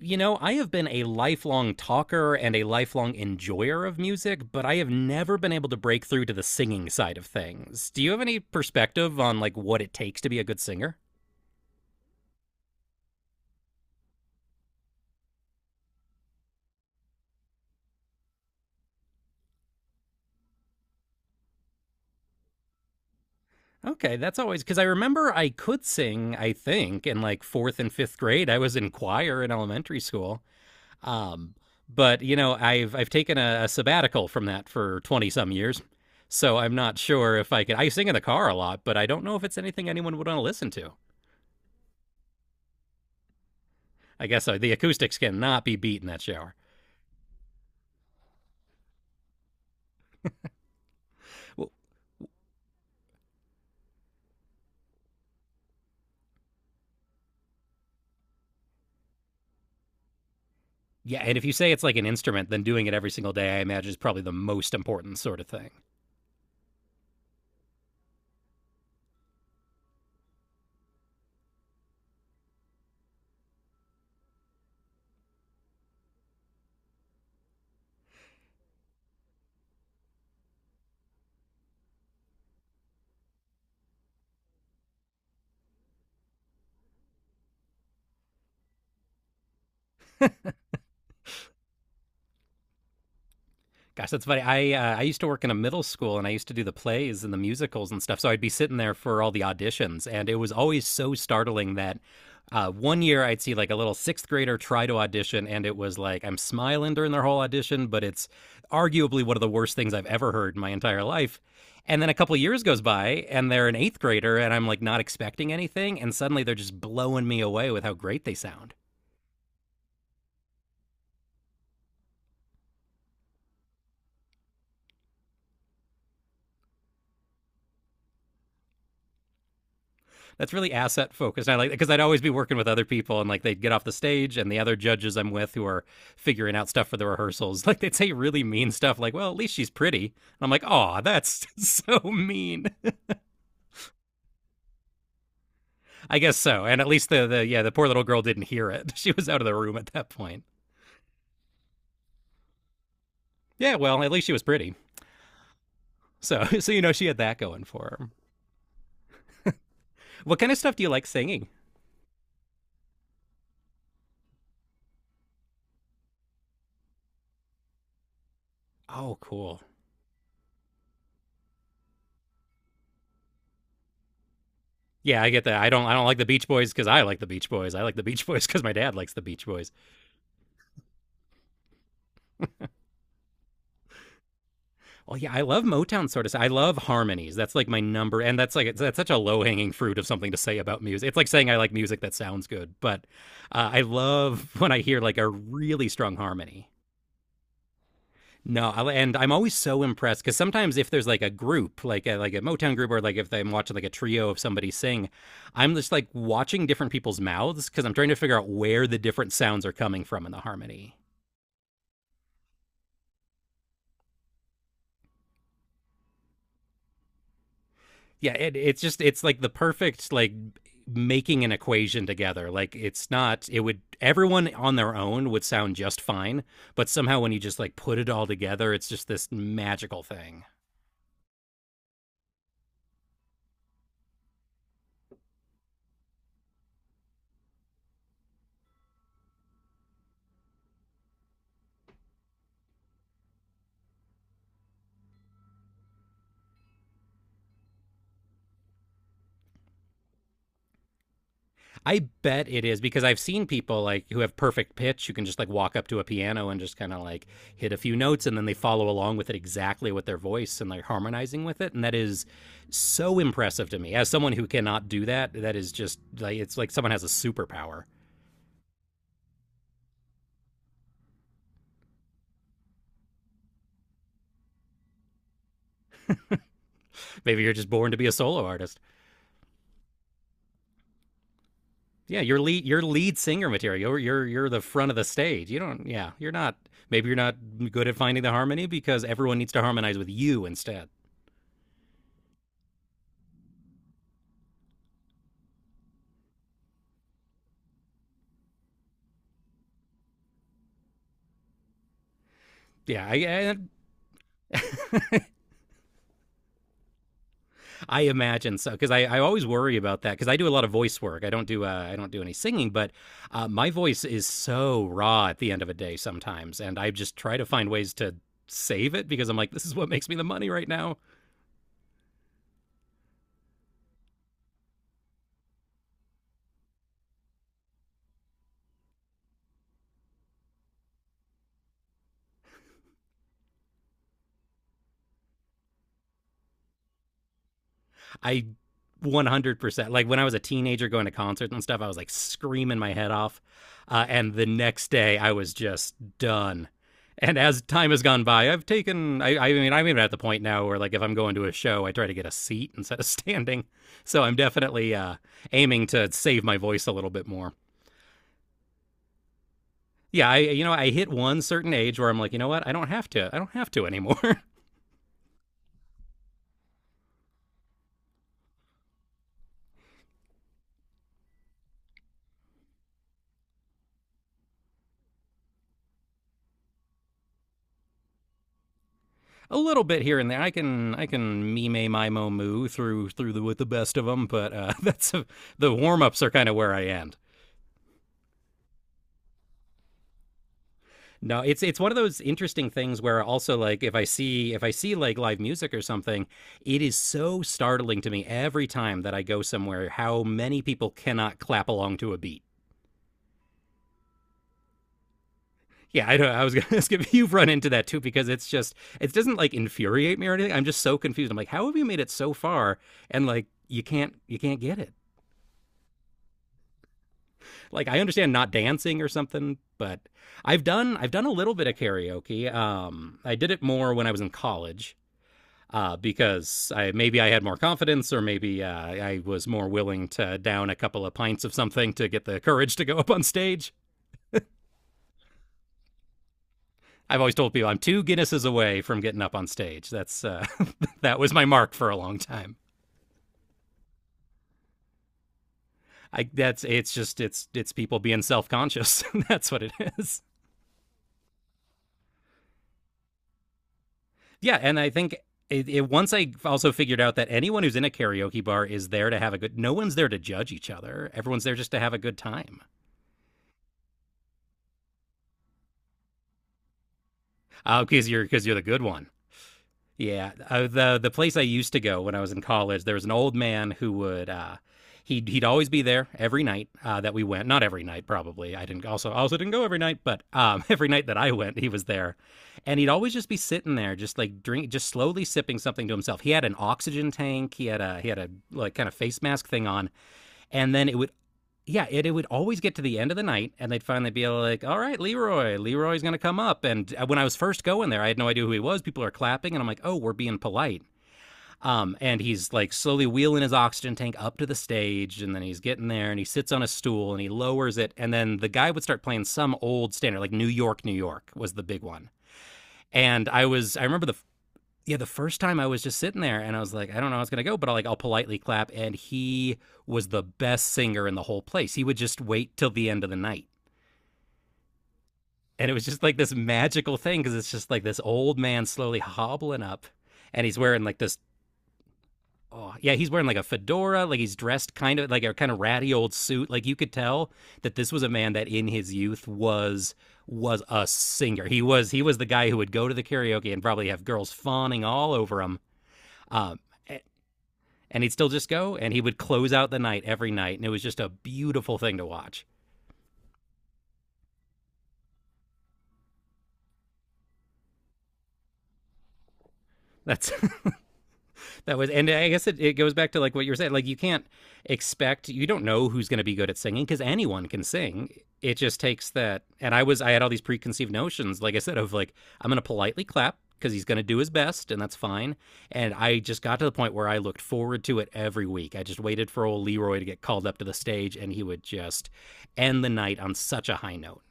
I have been a lifelong talker and a lifelong enjoyer of music, but I have never been able to break through to the singing side of things. Do you have any perspective on like what it takes to be a good singer? Okay, that's always because I remember I could sing, I think, in like fourth and fifth grade. I was in choir in elementary school. Um, but I've taken a sabbatical from that for twenty some years, so I'm not sure if I could. I sing in the car a lot, but I don't know if it's anything anyone would want to listen to. I guess so. The acoustics cannot be beat in that shower. Well, yeah, and if you say it's like an instrument, then doing it every single day, I imagine, is probably the most important sort of thing. Gosh, that's funny. I used to work in a middle school, and I used to do the plays and the musicals and stuff. So I'd be sitting there for all the auditions, and it was always so startling that one year I'd see like a little sixth grader try to audition, and it was like I'm smiling during their whole audition, but it's arguably one of the worst things I've ever heard in my entire life. And then a couple of years goes by, and they're an eighth grader, and I'm like not expecting anything, and suddenly they're just blowing me away with how great they sound. That's really asset focused. I like because I'd always be working with other people, and like they'd get off the stage, and the other judges I'm with who are figuring out stuff for the rehearsals, like they'd say really mean stuff, like "Well, at least she's pretty," and I'm like, "Aw, that's so mean." I guess so, and at least the, yeah, the poor little girl didn't hear it. She was out of the room at that point. Yeah, well, at least she was pretty. So so she had that going for her. What kind of stuff do you like singing? Oh, cool. Yeah, I get that. I don't. I don't like the Beach Boys because I like the Beach Boys. I like the Beach Boys because my dad likes the Beach Boys. Well, yeah, I love Motown sort of. I love harmonies. That's like my number, and that's like that's such a low hanging fruit of something to say about music. It's like saying I like music that sounds good, but I love when I hear like a really strong harmony. No, and I'm always so impressed because sometimes if there's like a group, like a Motown group, or like if I'm watching like a trio of somebody sing, I'm just like watching different people's mouths because I'm trying to figure out where the different sounds are coming from in the harmony. Yeah, it's just it's like the perfect, like making an equation together. Like, it's not, it would, everyone on their own would sound just fine, but somehow when you just like put it all together, it's just this magical thing. I bet it is because I've seen people like who have perfect pitch who can just like walk up to a piano and just kind of like hit a few notes, and then they follow along with it exactly with their voice and like harmonizing with it, and that is so impressive to me as someone who cannot do that. That is just like it's like someone has a superpower. Maybe you're just born to be a solo artist. Yeah, you're lead singer material. You're the front of the stage. You don't, yeah, you're not. Maybe you're not good at finding the harmony because everyone needs to harmonize with you instead. Yeah, I, I imagine so because I always worry about that because I do a lot of voice work. I don't do any singing, but my voice is so raw at the end of a day sometimes, and I just try to find ways to save it because I'm like, this is what makes me the money right now. I 100% like when I was a teenager going to concerts and stuff, I was like screaming my head off. And the next day, I was just done. And as time has gone by, I mean, I'm even at the point now where, like, if I'm going to a show, I try to get a seat instead of standing. So I'm definitely aiming to save my voice a little bit more. Yeah, you know, I hit one certain age where I'm like, you know what? I don't have to anymore. A little bit here and there. I can mime my mo moo with the best of them, but the warm ups are kind of where I end. No, it's one of those interesting things where also like if I see like live music or something, it is so startling to me every time that I go somewhere how many people cannot clap along to a beat. Yeah, I know. I was gonna ask if you've run into that too, because it's just it doesn't like infuriate me or anything. I'm just so confused. I'm like, how have you made it so far and like you can't get it? Like, I understand not dancing or something, but I've done a little bit of karaoke. I did it more when I was in college because I maybe I had more confidence or maybe I was more willing to down a couple of pints of something to get the courage to go up on stage. I've always told people I'm two Guinnesses away from getting up on stage. That's That was my mark for a long time. I that's it's just it's people being self conscious. That's what it is. Yeah, and I think it, once I also figured out that anyone who's in a karaoke bar is there to have a good. No one's there to judge each other. Everyone's there just to have a good time. Because you're the good one. Yeah, the place I used to go when I was in college, there was an old man who would he'd he'd always be there every night that we went. Not every night, probably. I didn't also also didn't go every night, but every night that I went, he was there, and he'd always just be sitting there, just like drink, just slowly sipping something to himself. He had an oxygen tank. He had a like kind of face mask thing on, and then it would, yeah, it would always get to the end of the night, and they'd finally be like, "All right, Leroy, Leroy's going to come up." And when I was first going there, I had no idea who he was. People are clapping, and I'm like, "Oh, we're being polite." And he's like slowly wheeling his oxygen tank up to the stage, and then he's getting there, and he sits on a stool, and he lowers it, and then the guy would start playing some old standard, like New York, New York was the big one. I remember the, yeah, the first time I was just sitting there and I was like, I don't know how it's gonna go, but I'll like I'll politely clap. And he was the best singer in the whole place. He would just wait till the end of the night, and it was just like this magical thing because it's just like this old man slowly hobbling up, and he's wearing like this. Oh yeah, he's wearing like a fedora, like he's dressed kind of like a kind of ratty old suit. Like you could tell that this was a man that in his youth was a singer. He was the guy who would go to the karaoke and probably have girls fawning all over him. Um, and he'd still just go and he would close out the night every night, and it was just a beautiful thing to watch. That's that was, and I guess it goes back to like what you were saying. Like, you can't expect, you don't know who's going to be good at singing because anyone can sing. It just takes that, and I had all these preconceived notions, like I said, of like I'm going to politely clap because he's going to do his best and that's fine. And I just got to the point where I looked forward to it every week. I just waited for old Leroy to get called up to the stage, and he would just end the night on such a high note.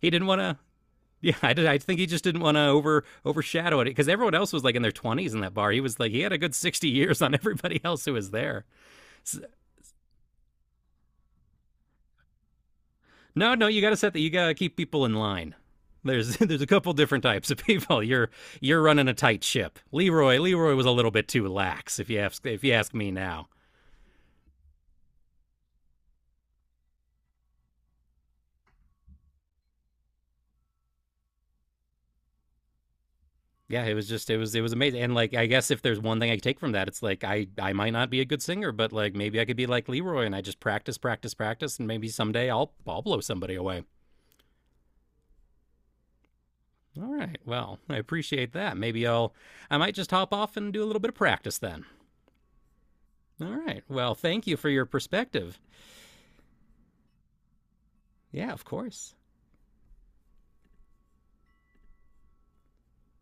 He didn't want to. Yeah, I think he just didn't want to overshadow it because everyone else was like in their twenties in that bar. He was like he had a good 60 years on everybody else who was there. S- no, no, you got to set that. You got to keep people in line. There's there's a couple different types of people. You're running a tight ship. Leroy was a little bit too lax if you ask me now. Yeah, it was just it was amazing. And like I guess if there's one thing I could take from that, it's like I might not be a good singer, but like maybe I could be like Leroy, and I just practice practice practice and maybe someday I'll blow somebody away. All right. Well, I appreciate that. I might just hop off and do a little bit of practice then. All right. Well, thank you for your perspective. Yeah, of course.